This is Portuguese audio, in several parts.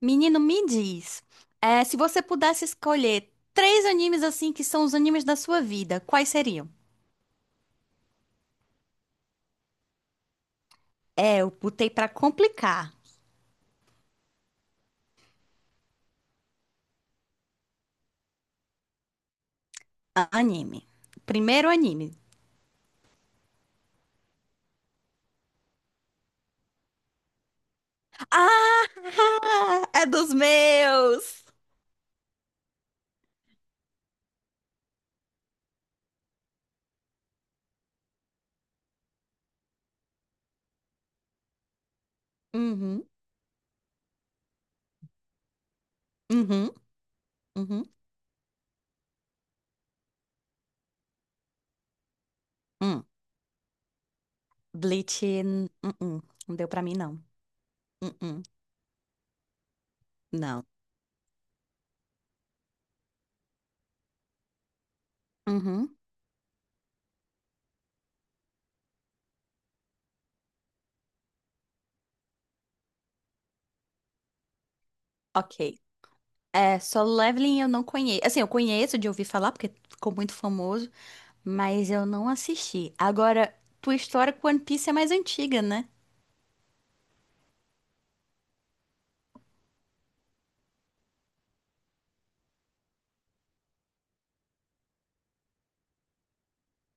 Menino, me diz, se você pudesse escolher três animes assim que são os animes da sua vida, quais seriam? É, eu botei pra complicar. Anime. Primeiro anime. Ah, é dos meus. Uhum, uhum, uhum, hum. Bleach, hum. Não deu pra mim não. Hum, hum, não. Uhum, ok. É, Solo Leveling eu não conheço. Assim, eu conheço de ouvir falar porque ficou muito famoso. Mas eu não assisti. Agora, tua história com One Piece é mais antiga, né?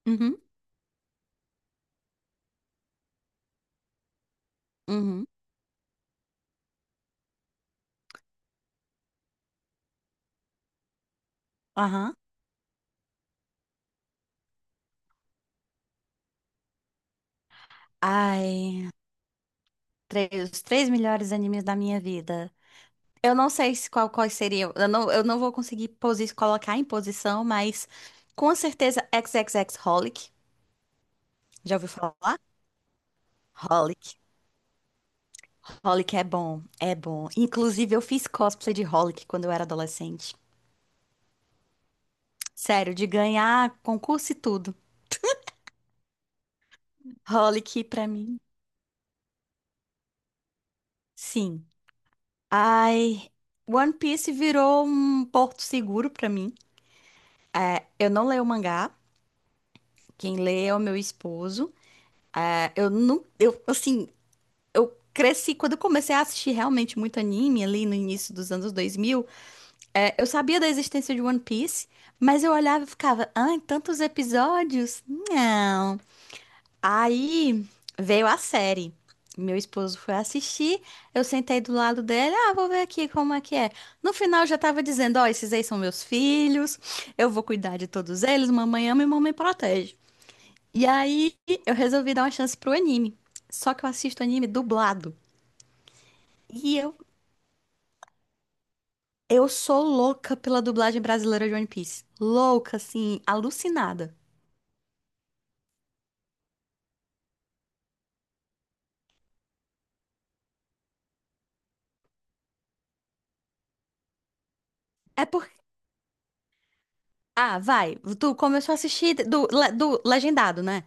Uhum, uhum, aham. Ai, três, os três melhores animes da minha vida. Eu não sei se qual, quais seriam. Eu não vou conseguir posi colocar em posição, mas com certeza XXXHolic. Já ouviu falar? Holic. Holic é bom, é bom. Inclusive, eu fiz cosplay de Holic quando eu era adolescente. Sério, de ganhar concurso e tudo. Holic pra mim, sim. Ai, One Piece virou um porto seguro pra mim. Eu não leio o mangá, quem lê é o meu esposo. Ah, eu não, eu assim, eu cresci quando eu comecei a assistir realmente muito anime ali no início dos anos 2000. Eu sabia da existência de One Piece, mas eu olhava e ficava, ai, tantos episódios? Não. Aí veio a série. Meu esposo foi assistir, eu sentei do lado dele, ah, vou ver aqui como é que é. No final já tava dizendo, ó, esses aí são meus filhos, eu vou cuidar de todos eles, mamãe ama e mamãe protege. E aí eu resolvi dar uma chance pro anime. Só que eu assisto anime dublado. E eu sou louca pela dublagem brasileira de One Piece. Louca, assim, alucinada. É porque. Ah, vai. Tu começou a assistir do legendado, né?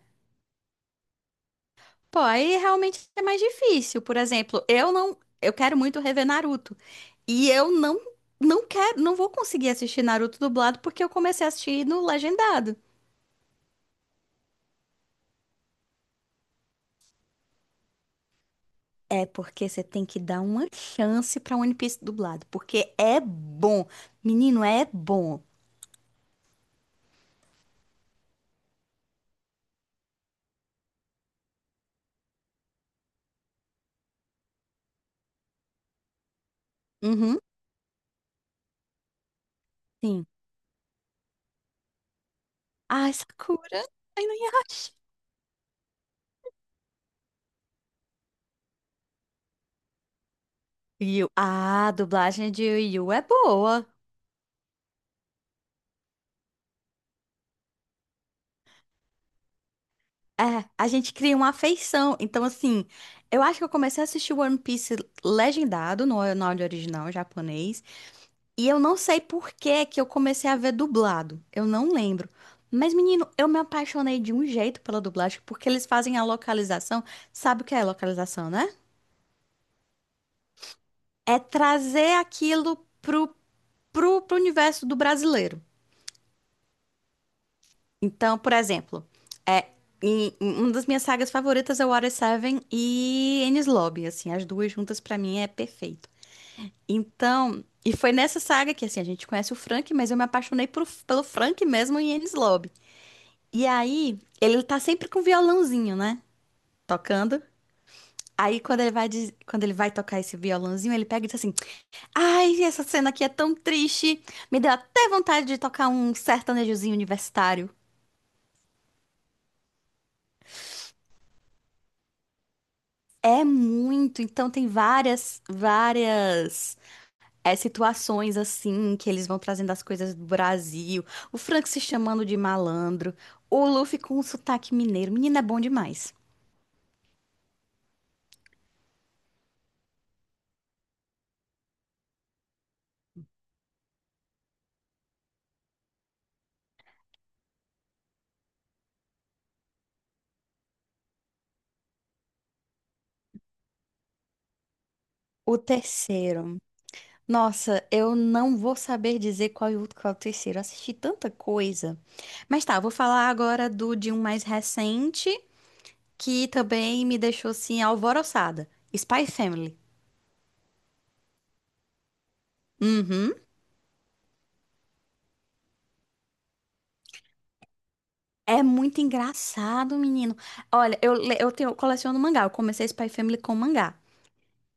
Pô, aí realmente é mais difícil. Por exemplo, eu não, eu quero muito rever Naruto e eu não, não quero, não vou conseguir assistir Naruto dublado porque eu comecei a assistir no legendado. É porque você tem que dar uma chance pra One Piece dublado, porque é bom. Menino, é bom. Uhum, sim. Ai, Sakura, ai, não acho. Yu. Ah, a dublagem de Yu é boa. É, a gente cria uma afeição. Então, assim, eu acho que eu comecei a assistir One Piece legendado, no áudio original japonês. E eu não sei por que que eu comecei a ver dublado. Eu não lembro. Mas, menino, eu me apaixonei de um jeito pela dublagem, porque eles fazem a localização. Sabe o que é localização, né? É trazer aquilo pro, pro, pro universo do brasileiro. Então, por exemplo, é, uma das minhas sagas favoritas é Water Seven e Enies Lobby, assim, as duas juntas pra mim é perfeito. Então, e foi nessa saga que, assim, a gente conhece o Frank, mas eu me apaixonei pelo Frank mesmo em Enies Lobby. E aí, ele tá sempre com um violãozinho, né? Tocando. Aí, quando ele vai, diz- quando ele vai tocar esse violãozinho, ele pega e diz assim: ai, essa cena aqui é tão triste. Me deu até vontade de tocar um sertanejozinho universitário. É muito, então tem várias, várias situações assim que eles vão trazendo as coisas do Brasil. O Frank se chamando de malandro, o Luffy com um sotaque mineiro. Menina, é bom demais. O terceiro. Nossa, eu não vou saber dizer qual é o terceiro. Eu assisti tanta coisa. Mas tá, eu vou falar agora do de um mais recente que também me deixou assim alvoroçada. Spy Family. Uhum. É muito engraçado, menino. Olha, eu coleciono mangá. Eu comecei Spy Family com mangá.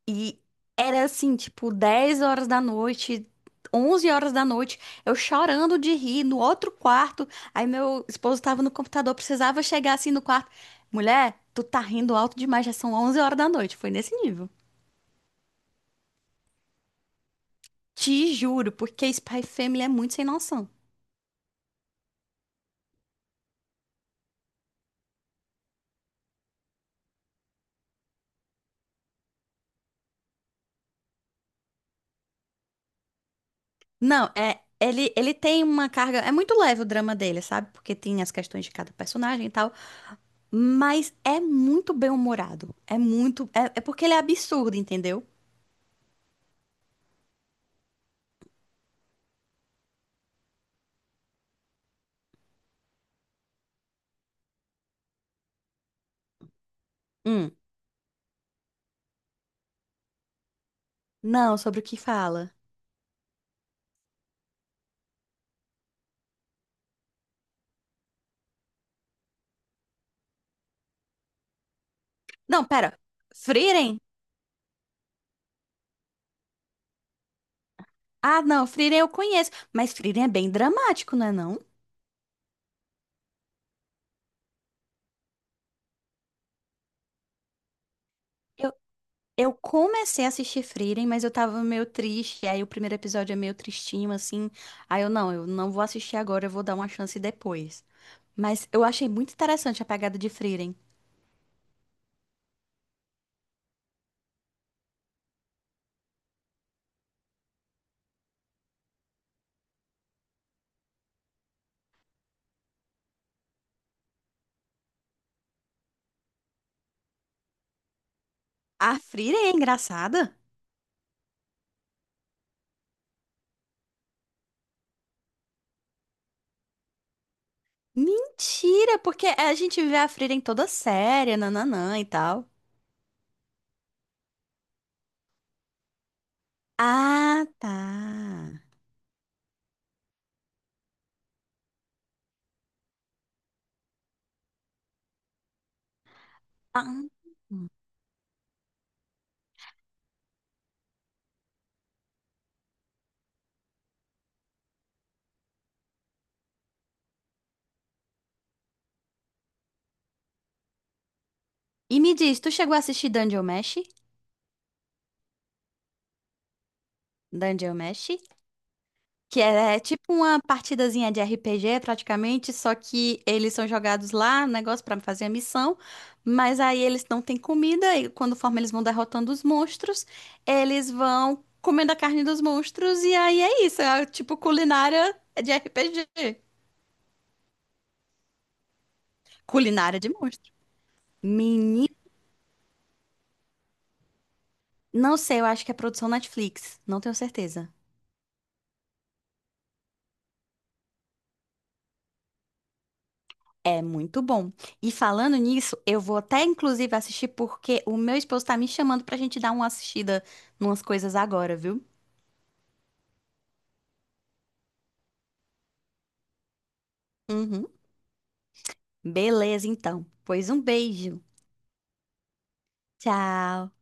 E era assim, tipo, 10h da noite, 11h da noite, eu chorando de rir no outro quarto. Aí meu esposo tava no computador, precisava chegar assim no quarto. Mulher, tu tá rindo alto demais, já são 11h da noite. Foi nesse nível. Te juro, porque Spy Family é muito sem noção. Não, é. Ele tem uma carga. É muito leve o drama dele, sabe? Porque tem as questões de cada personagem e tal. Mas é muito bem-humorado. É muito. É porque ele é absurdo, entendeu? Hum. Não, sobre o que fala. Não, pera. Frieren? Ah, não, Frieren eu conheço. Mas Frieren é bem dramático, não é não? Eu, eu comecei a assistir Frieren, mas eu tava meio triste. Aí o primeiro episódio é meio tristinho, assim. Aí eu não vou assistir agora, eu vou dar uma chance depois. Mas eu achei muito interessante a pegada de Frieren. A Frieren é engraçada? Mentira, porque a gente vê a Frida em toda séria, nananã e tal. Ah, tá. Ah. E me diz, tu chegou a assistir Dungeon Mesh? Dungeon Mesh? Que é tipo uma partidazinha de RPG, praticamente, só que eles são jogados lá, um negócio pra fazer a missão, mas aí eles não têm comida, e quando forma eles vão derrotando os monstros, eles vão comendo a carne dos monstros, e aí é isso, é tipo culinária de RPG. Culinária de monstros. Menino, não sei, eu acho que é produção Netflix, não tenho certeza. É muito bom. E falando nisso, eu vou até inclusive assistir porque o meu esposo tá me chamando pra gente dar uma assistida numas coisas agora, viu? Uhum. Beleza, então. Pois um beijo. Tchau.